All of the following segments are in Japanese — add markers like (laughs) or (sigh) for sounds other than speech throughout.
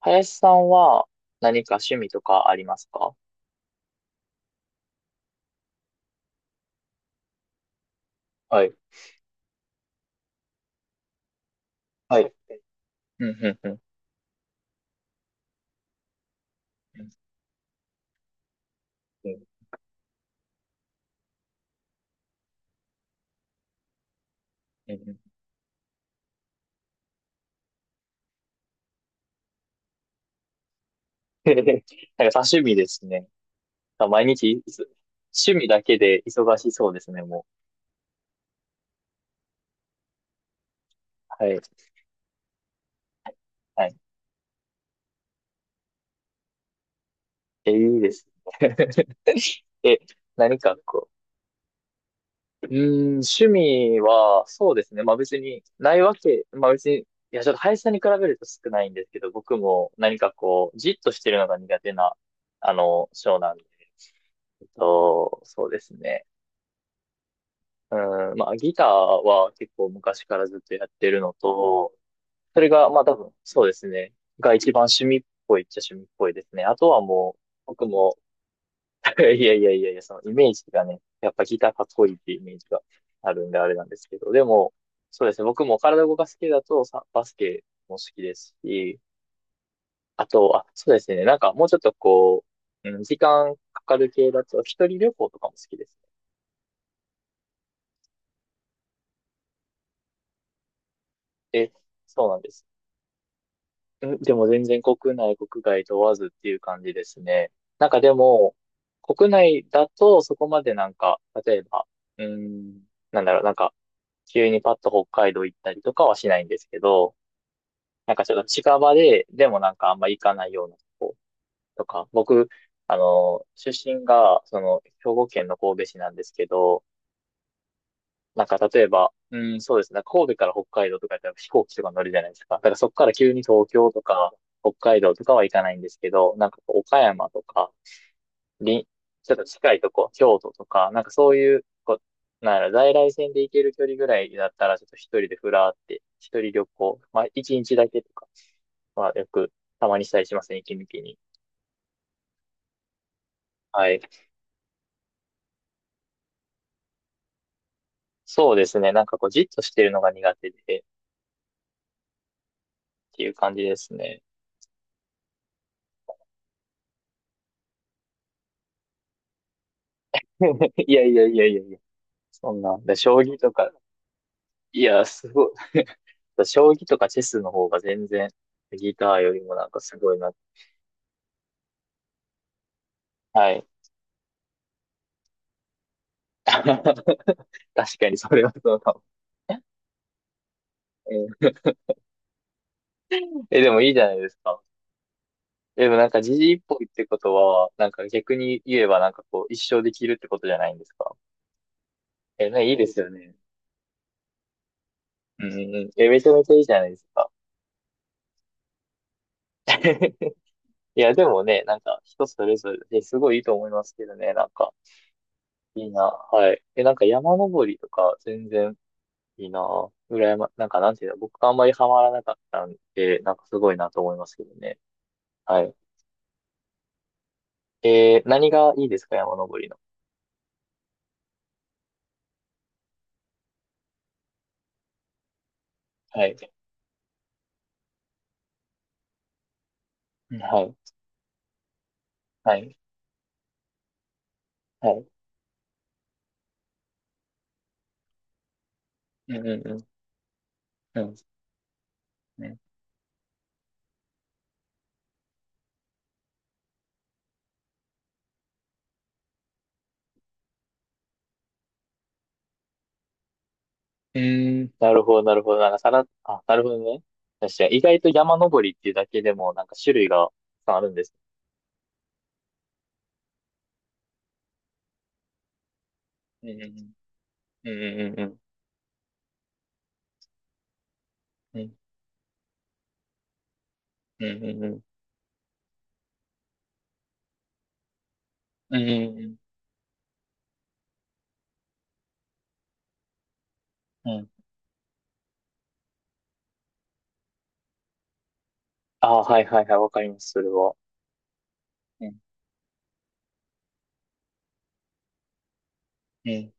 林さんは何か趣味とかありますか？はい。はい。うん、うん、うん。うん。うんうん。へへへ (laughs) なんか多趣味ですね。毎日いつ、趣味だけで忙しそうですね、もう。はい。はい。え、いいですね。(laughs) え、何かこう。うーん、趣味は、そうですね。まあ別に、ないわけ、まあ別に、いや、ちょっと林さんに比べると少ないんですけど、僕も何かこう、じっとしてるのが苦手な、性なんで。と、そうですね。うん、まあ、ギターは結構昔からずっとやってるのと、それが、まあ多分、そうですね。が一番趣味っぽいっちゃ趣味っぽいですね。あとはもう、僕も、(laughs) いやいやいやいや、そのイメージがね、やっぱギターかっこいいっていうイメージがあるんであれなんですけど、でも、そうですね。僕も体動かす系だとさ、バスケも好きですし、あと、あ、そうですね。なんかもうちょっとこう、うん、時間かかる系だと、一人旅行とかも好きですね。で、そうなんです。えでも全然国内、国外問わずっていう感じですね。なんかでも、国内だとそこまでなんか、例えば、うーん、なんだろう、なんか、急にパッと北海道行ったりとかはしないんですけど、なんかちょっと近場で、でもなんかあんま行かないようなとことか、僕、出身が、その、兵庫県の神戸市なんですけど、なんか例えば、うん、そうですね。神戸から北海道とかやったら飛行機とか乗るじゃないですか。だからそこから急に東京とか北海道とかは行かないんですけど、なんかこう岡山とか、りちょっと近いとこ、京都とか、なんかそういう、こう、なんやろ、在来線で行ける距離ぐらいだったら、ちょっと一人でふらーって、一人旅行、まあ一日だけとかはよくたまにしたりしますね、息抜きに。はい。そうですね。なんかこう、じっとしてるのが苦手で、っていう感じですね。(laughs) いやいやいやいやいや。そんな。で、将棋とか、いや、すごい。(laughs) 将棋とかチェスの方が全然、ギターよりもなんかすごいな。はい。(laughs) 確かにそれはそうかも。えー、えでもいいじゃないですか。でもなんか時事一歩ってことは、なんか逆に言えばなんかこう一生できるってことじゃないんですか？え、ね、いいですよね。うんうんうん。え、めちゃめちゃいいじゃないですか。(laughs) いや、でもね、なんか人それぞれですごいいいと思いますけどね、なんかいいな。はい。え、なんか山登りとか全然いいなぁ。羨ま、なんかなんていうの、僕があんまりハマらなかったんで、なんかすごいなと思いますけどね。はい。えー、何がいいですか、山登りの。はい。うん。はい。はい。はい。うんうんうん。うんうん。うーん、なるほど、なるほど。なんかさら、あ、なるほどね。確かに、意外と山登りっていうだけでも、なんか種類がたくさんあるんです。うんうんうん。うんうんうんうん。うんうんうん。うんうんうん。ああ、はいはいはい、わかります、それは。うんうん。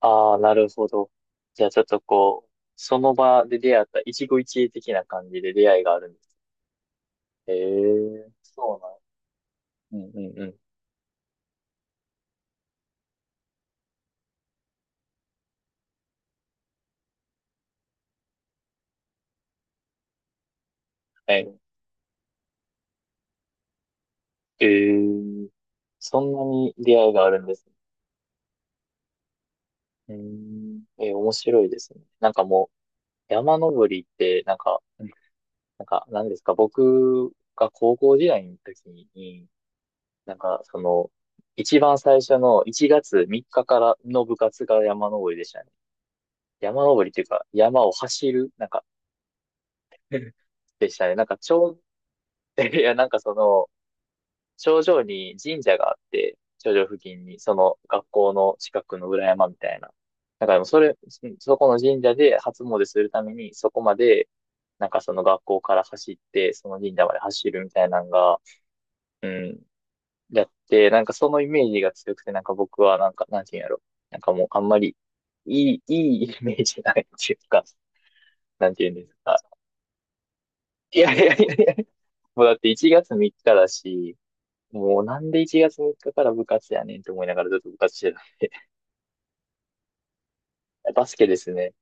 ああ、なるほど。じゃあちょっとこう、その場で出会った一期一会的な感じで出会いがあるんです。ええ、そうなん。うんうんうん。はい。ええ、そんなに出会いがあるんですね。うーん。えー面白いですね。なんかもう、山登りって、なんか、なんか、なんですか、僕が高校時代の時に、なんか、その、一番最初の1月3日かからの部活が山登りでしたね。山登りっていうか、山を走る、なんか、でしたね。なんか、ちょう、(laughs) いや、なんかその、頂上に神社があって、頂上付近に、その学校の近くの裏山みたいな。なんかでもそれ、そそこの神社で初詣するために、そこまで、なんかその学校から走って、その神社まで走るみたいなのが、うん、やって、なんかそのイメージが強くて、なんか僕は、なんか、なんていうんやろ。なんかもう、あんまり、いい、いいイメージないっていうか、なんていうんですか。いやいやいやいや。もうだって1月3日だし、もうなんで1月3日かから部活やねんって思いながらずっと部活してた。バスケですね。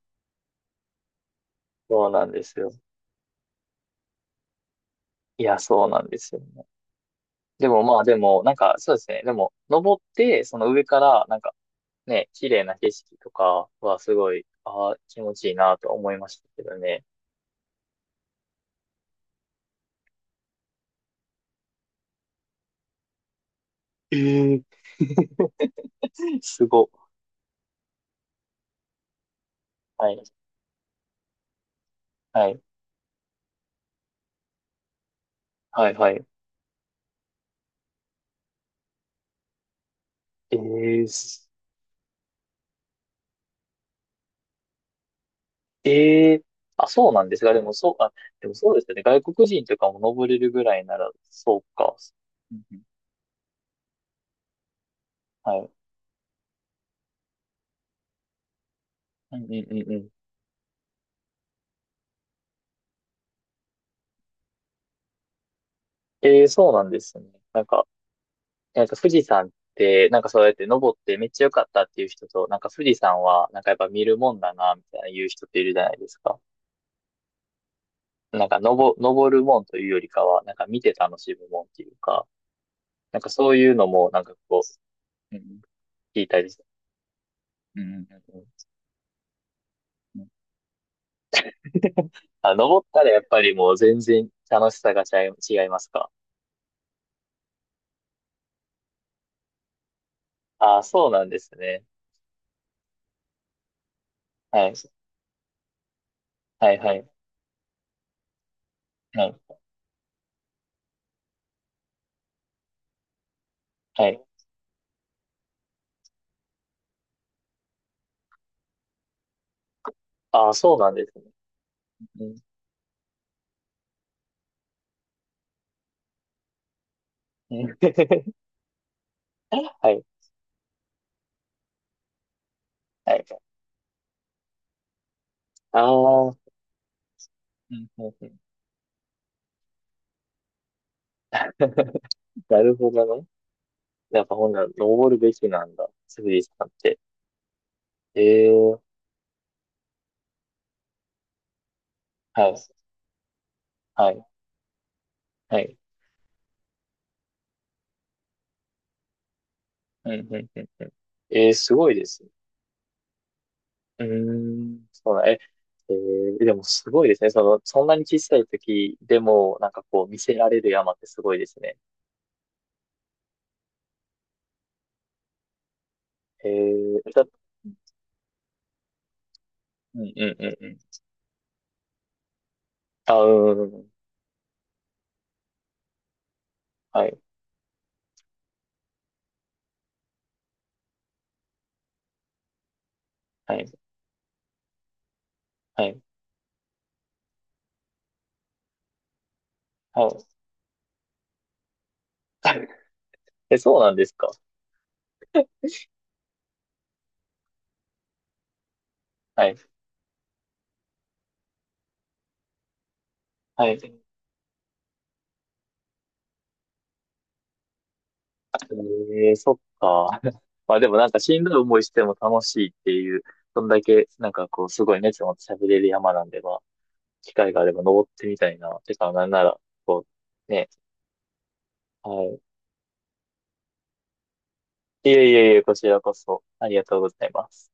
そうなんですよ。いや、そうなんですよね。でもまあでも、なんかそうですね。でも、登って、その上から、なんかね、綺麗な景色とかはすごい、ああ、気持ちいいなと思いましたけどね。ええすご。はい。はい。はい、はい。ええす、ええあ、そうなんですが、でもそう、あ、でもそうですよね。外国人とかも登れるぐらいなら、そうか。うんうん。はい。うんうんうんうん。ええそうなんですね。なんか、なんか富士山って、なんかそうやって登ってめっちゃ良かったっていう人と、なんか富士山は、なんかやっぱ見るもんだな、みたいな言う人っているじゃないですか。なんか登、登るもんというよりかは、なんか見て楽しむもんっていうか、なんかそういうのも、なんかこう、うん、聞いたりして。うんうんうんうんうん。あ、登ったらやっぱりもう全然楽しさが違い、違いますか？ああ、そうなんですね。はい。はいはい。はい。はい。ああ、そうなんですね。(laughs) はい、はい。ああ、うん、うんうん。 (laughs) なるほどね。やっぱほんなら、登るべきなんだ。スリーさんって。ええー。はい、はい、はい。うん、うん、うん。えーすごいですね。うーん、そうだ、え、えーでもすごいですね。その、そんなに小さい時でも、なんかこう、見せられる山ってすごいですね。えー、だ、うん、うん、うん、うん。あ、うん、うんうん。はい、はい、はい、はい。(laughs) え、そうなんですか？はい、はい。ええそっか。(laughs) まあでもなんかしんどい思いしても楽しいっていう、そんだけなんかこうすごい熱を持って喋れる山なんで、まあ、機会があれば登ってみたいな。てか、なんなら、こう、ね。はい。いえいえいえ、こちらこそありがとうございます。